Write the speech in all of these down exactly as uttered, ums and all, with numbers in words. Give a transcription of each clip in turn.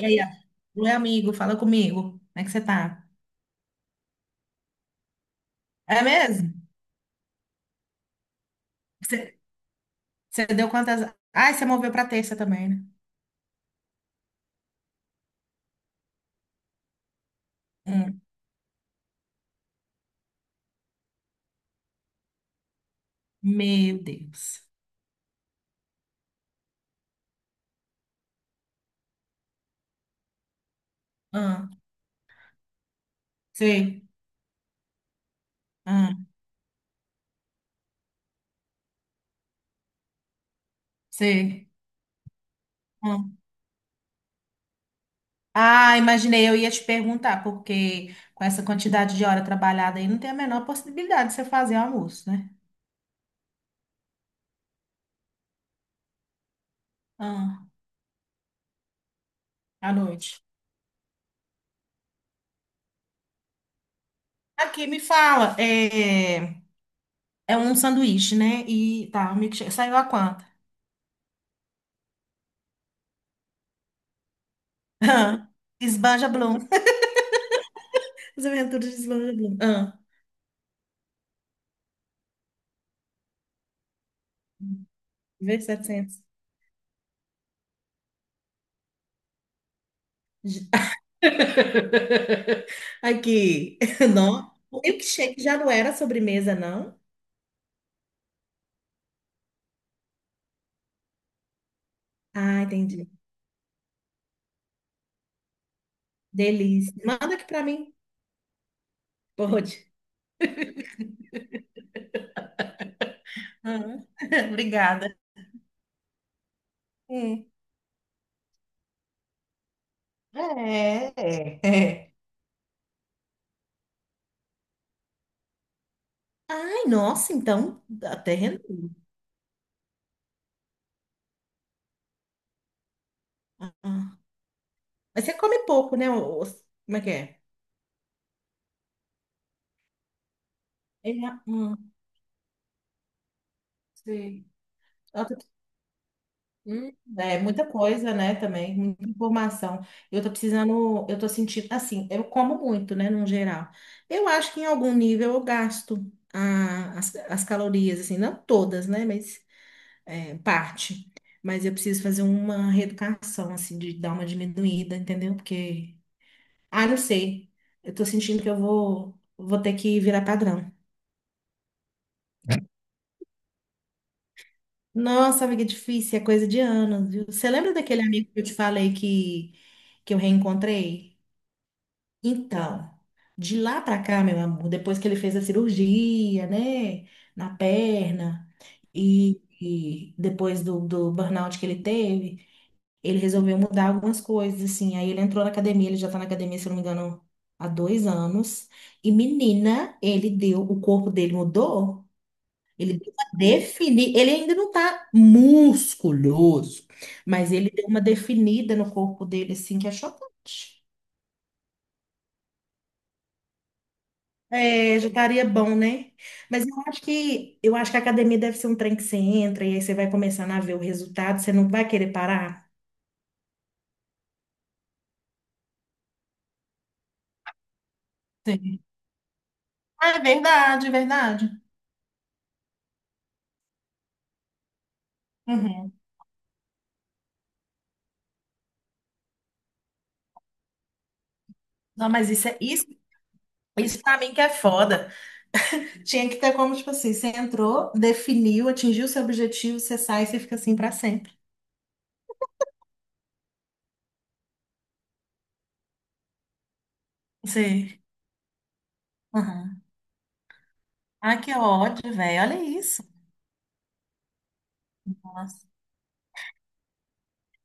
E aí, ó, oi amigo, fala comigo. Como é que você tá? É mesmo? Você, você deu quantas? Ai, você moveu pra terça também, né? Hum. Meu Deus. Ah, sei, ah, sei. Hum. Ah, imaginei, eu ia te perguntar, porque com essa quantidade de hora trabalhada aí, não tem a menor possibilidade de você fazer almoço, né? Ah, à noite. Aqui, me fala, é, é um sanduíche, né? E tá, um milkshake. Saiu a quanto? Esbanja Blum. As Aventuras de Slow Blum. Ah, v setecentos. Aqui. Não. O milkshake já não era sobremesa, não? Ah, entendi. Delícia. Manda aqui pra mim. Pode. Ah, obrigada. Hum. É, é, é. Ai, nossa, então, até rendeu. Ah, mas você come pouco, né? ô- ô- Como é que é? É, hum, sei. Hum, É muita coisa, né, também, muita informação. Eu tô precisando, eu tô sentindo, assim, eu como muito, né, no geral. Eu acho que em algum nível eu gasto a- as, as calorias, assim, não todas, né, mas é, parte. Mas eu preciso fazer uma reeducação, assim, de dar uma diminuída, entendeu? Porque, ah, não sei, eu tô sentindo que eu vou, vou ter que virar padrão. Nossa, amiga, é difícil, é coisa de anos, viu? Você lembra daquele amigo que eu te falei que, que eu reencontrei? Então, de lá pra cá, meu amor, depois que ele fez a cirurgia, né, na perna, e, e depois do, do burnout que ele teve, ele resolveu mudar algumas coisas, assim. Aí ele entrou na academia, ele já tá na academia, se eu não me engano, há dois anos. E menina, ele deu, o corpo dele mudou, ele deu uma definida, ele ainda não tá musculoso, mas ele deu uma definida no corpo dele, assim, que é chocante. É, já estaria bom, né? Mas eu acho que eu acho que a academia deve ser um trem que você entra e aí você vai começando a ver o resultado, você não vai querer parar. Sim. Ah, é verdade, é verdade. Uhum. Não, mas isso é isso, isso para mim que é foda. Tinha que ter como, tipo assim, você entrou, definiu, atingiu seu objetivo, você sai e você fica assim para sempre. Sim. Uhum. Ah, que ódio, velho. Olha isso.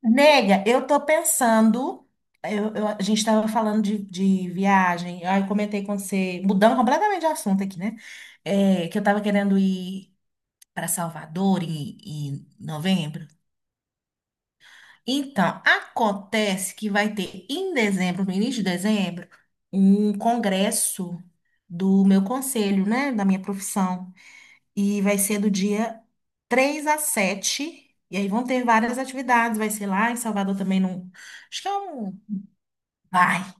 Nega, eu tô pensando. Eu- eu- a gente estava falando de, de, viagem. Aí eu comentei com você, mudando completamente de assunto aqui, né? É, que eu tava querendo ir para Salvador em, em novembro. Então, acontece que vai ter em dezembro, no início de dezembro, um congresso do meu conselho, né? Da minha profissão. E vai ser do dia três a sete. E aí vão ter várias atividades. Vai ser lá em Salvador também, num. Acho que é um. Vai.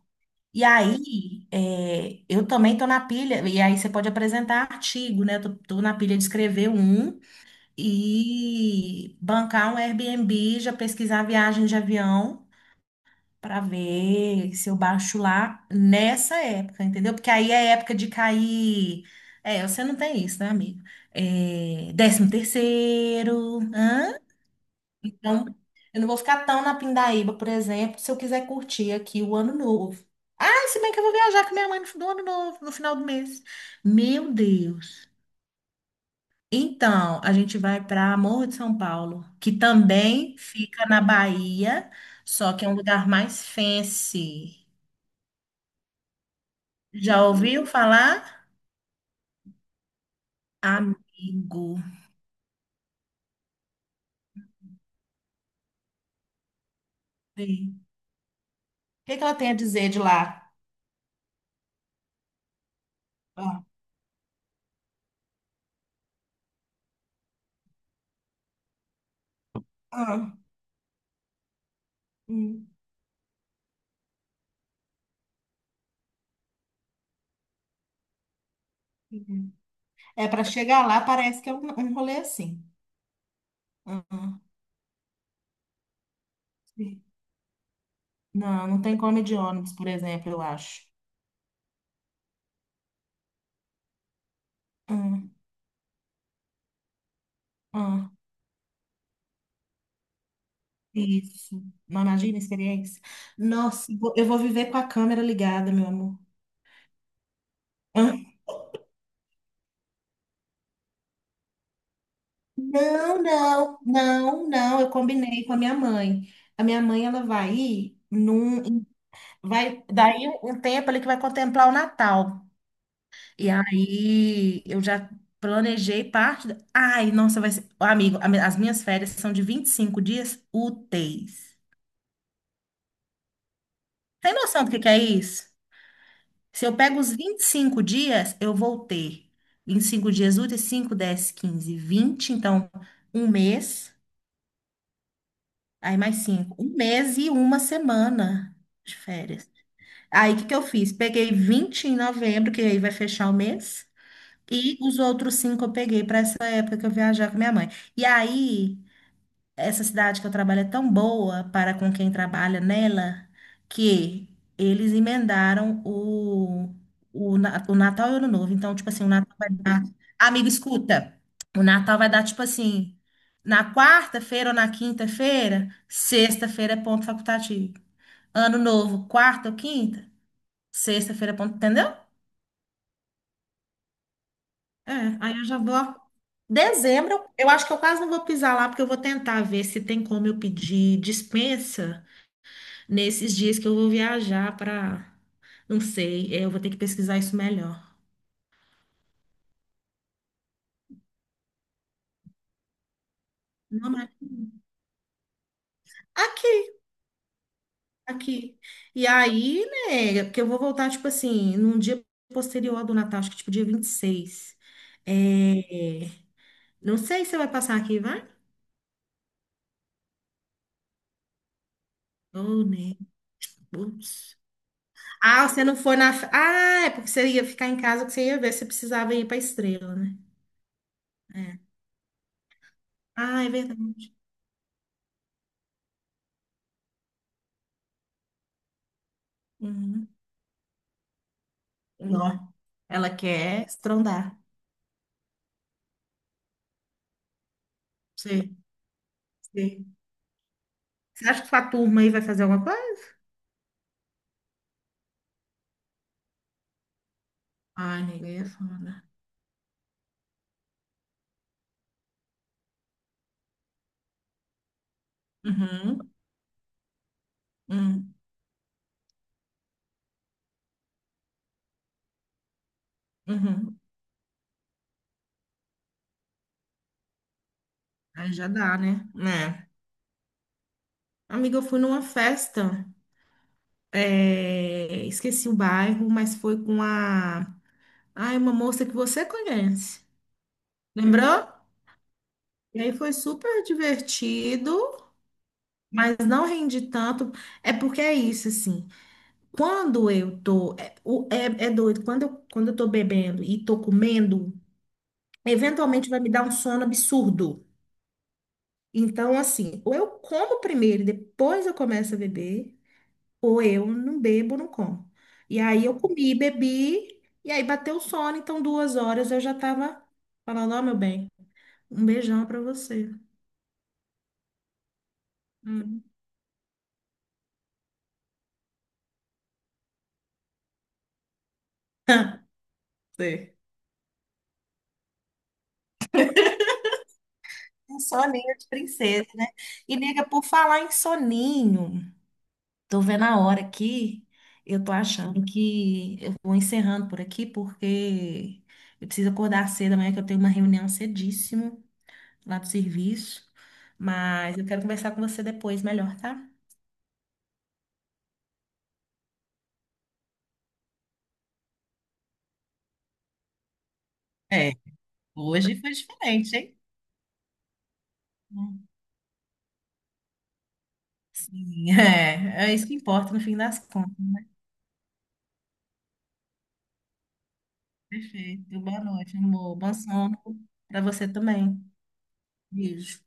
E aí, é, eu também tô na pilha, e aí você pode apresentar artigo, né? Eu Tô, tô na pilha de escrever um e bancar um Airbnb, já pesquisar viagem de avião para ver se eu baixo lá nessa época, entendeu? Porque aí é época de cair. É, você não tem isso, né, amigo? É, décimo terceiro, hã? Então, eu não vou ficar tão na pindaíba, por exemplo, se eu quiser curtir aqui o ano novo. Ah, se bem que eu vou viajar com minha mãe no fi- do ano novo, no final do mês. Meu Deus. Então, a gente vai para Morro de São Paulo, que também fica na Bahia, só que é um lugar mais fancy. Já ouviu falar? Amigo. Sim. O que que ela tem a dizer de lá? Ah, ah, hum, hum. É para chegar lá, parece que é um, um rolê assim. Ah, ah. Não, não tem como ir de ônibus, por exemplo, eu acho. Hum, hum, isso. Não imagina a experiência. Nossa, eu vou eu vou viver com a câmera ligada, meu amor. Hã? Não, não, não, não. Eu combinei com a minha mãe. A minha mãe, ela vai ir num, vai, daí um tempo ali que vai contemplar o Natal. E aí eu já planejei parte. da- Ai, nossa, vai ser. Ô, amigo, a mi- as minhas férias são de vinte e cinco dias úteis. Tem noção do que que é isso? Se eu pego os vinte e cinco dias, eu vou ter vinte e cinco dias úteis, cinco, dez, quinze, vinte. Então, um mês, aí mais cinco, um mês e uma semana de férias. Aí, o que que eu fiz? Peguei vinte em novembro, que aí vai fechar o mês. E os outros cinco eu peguei para essa época que eu viajar com minha mãe. E aí, essa cidade que eu trabalho é tão boa para com quem trabalha nela que eles emendaram o, o, Na- o Natal e o Ano Novo. Então, tipo assim, o Natal vai dar. Amigo, escuta! O Natal vai dar, tipo assim, na quarta-feira ou na quinta-feira, sexta-feira é ponto facultativo. Ano Novo, quarta ou quinta, sexta-feira é ponto, entendeu? É, aí eu já vou. Dezembro, eu acho que eu quase não vou pisar lá, porque eu vou tentar ver se tem como eu pedir dispensa. Nesses dias que eu vou viajar para, não sei, é, eu vou ter que pesquisar isso melhor. Não, mas aqui, aqui. E aí, né, porque eu vou voltar, tipo assim, num dia posterior ao do Natal, acho que tipo dia vinte e seis. É, não sei se você vai passar aqui, vai? Ou, né? Putz. Ah, você não foi na. fe- Ah, é porque você ia ficar em casa que você ia ver se precisava ir pra estrela, né? É. Ah, é verdade. Uhum. Não, ela quer estrondar. Sim, sim. Você acha que sua turma aí vai fazer alguma coisa? Ai, amiga, aí é foda. Uhum, uhum, uhum. Aí já dá, né? Né? Amiga, eu fui numa festa, é, esqueci o bairro, mas foi com a, ai, uma moça que você conhece. Lembrou? E aí foi super divertido, mas não rendi tanto. É porque é isso, assim. Quando eu tô, é, o- é, é doido, quando eu, quando eu, tô bebendo e tô comendo, eventualmente vai me dar um sono absurdo. Então, assim, ou eu como primeiro e depois eu começo a beber, ou eu não bebo, não como. E aí eu comi, bebi, e aí bateu o sono, então duas horas eu já tava falando, ó, meu bem, um beijão pra você. Hum. Sei. Um soninho de princesa, né? E, nega, por falar em soninho, tô vendo a hora aqui, eu tô achando que eu vou encerrando por aqui, porque eu preciso acordar cedo amanhã, que eu tenho uma reunião cedíssimo. Lá do serviço, mas eu quero conversar com você depois melhor, tá? É, hoje foi diferente, hein? Hum. Sim, é, é isso que importa no fim das contas. Perfeito. Boa noite, amor. Bom sono. Para você também. Beijo.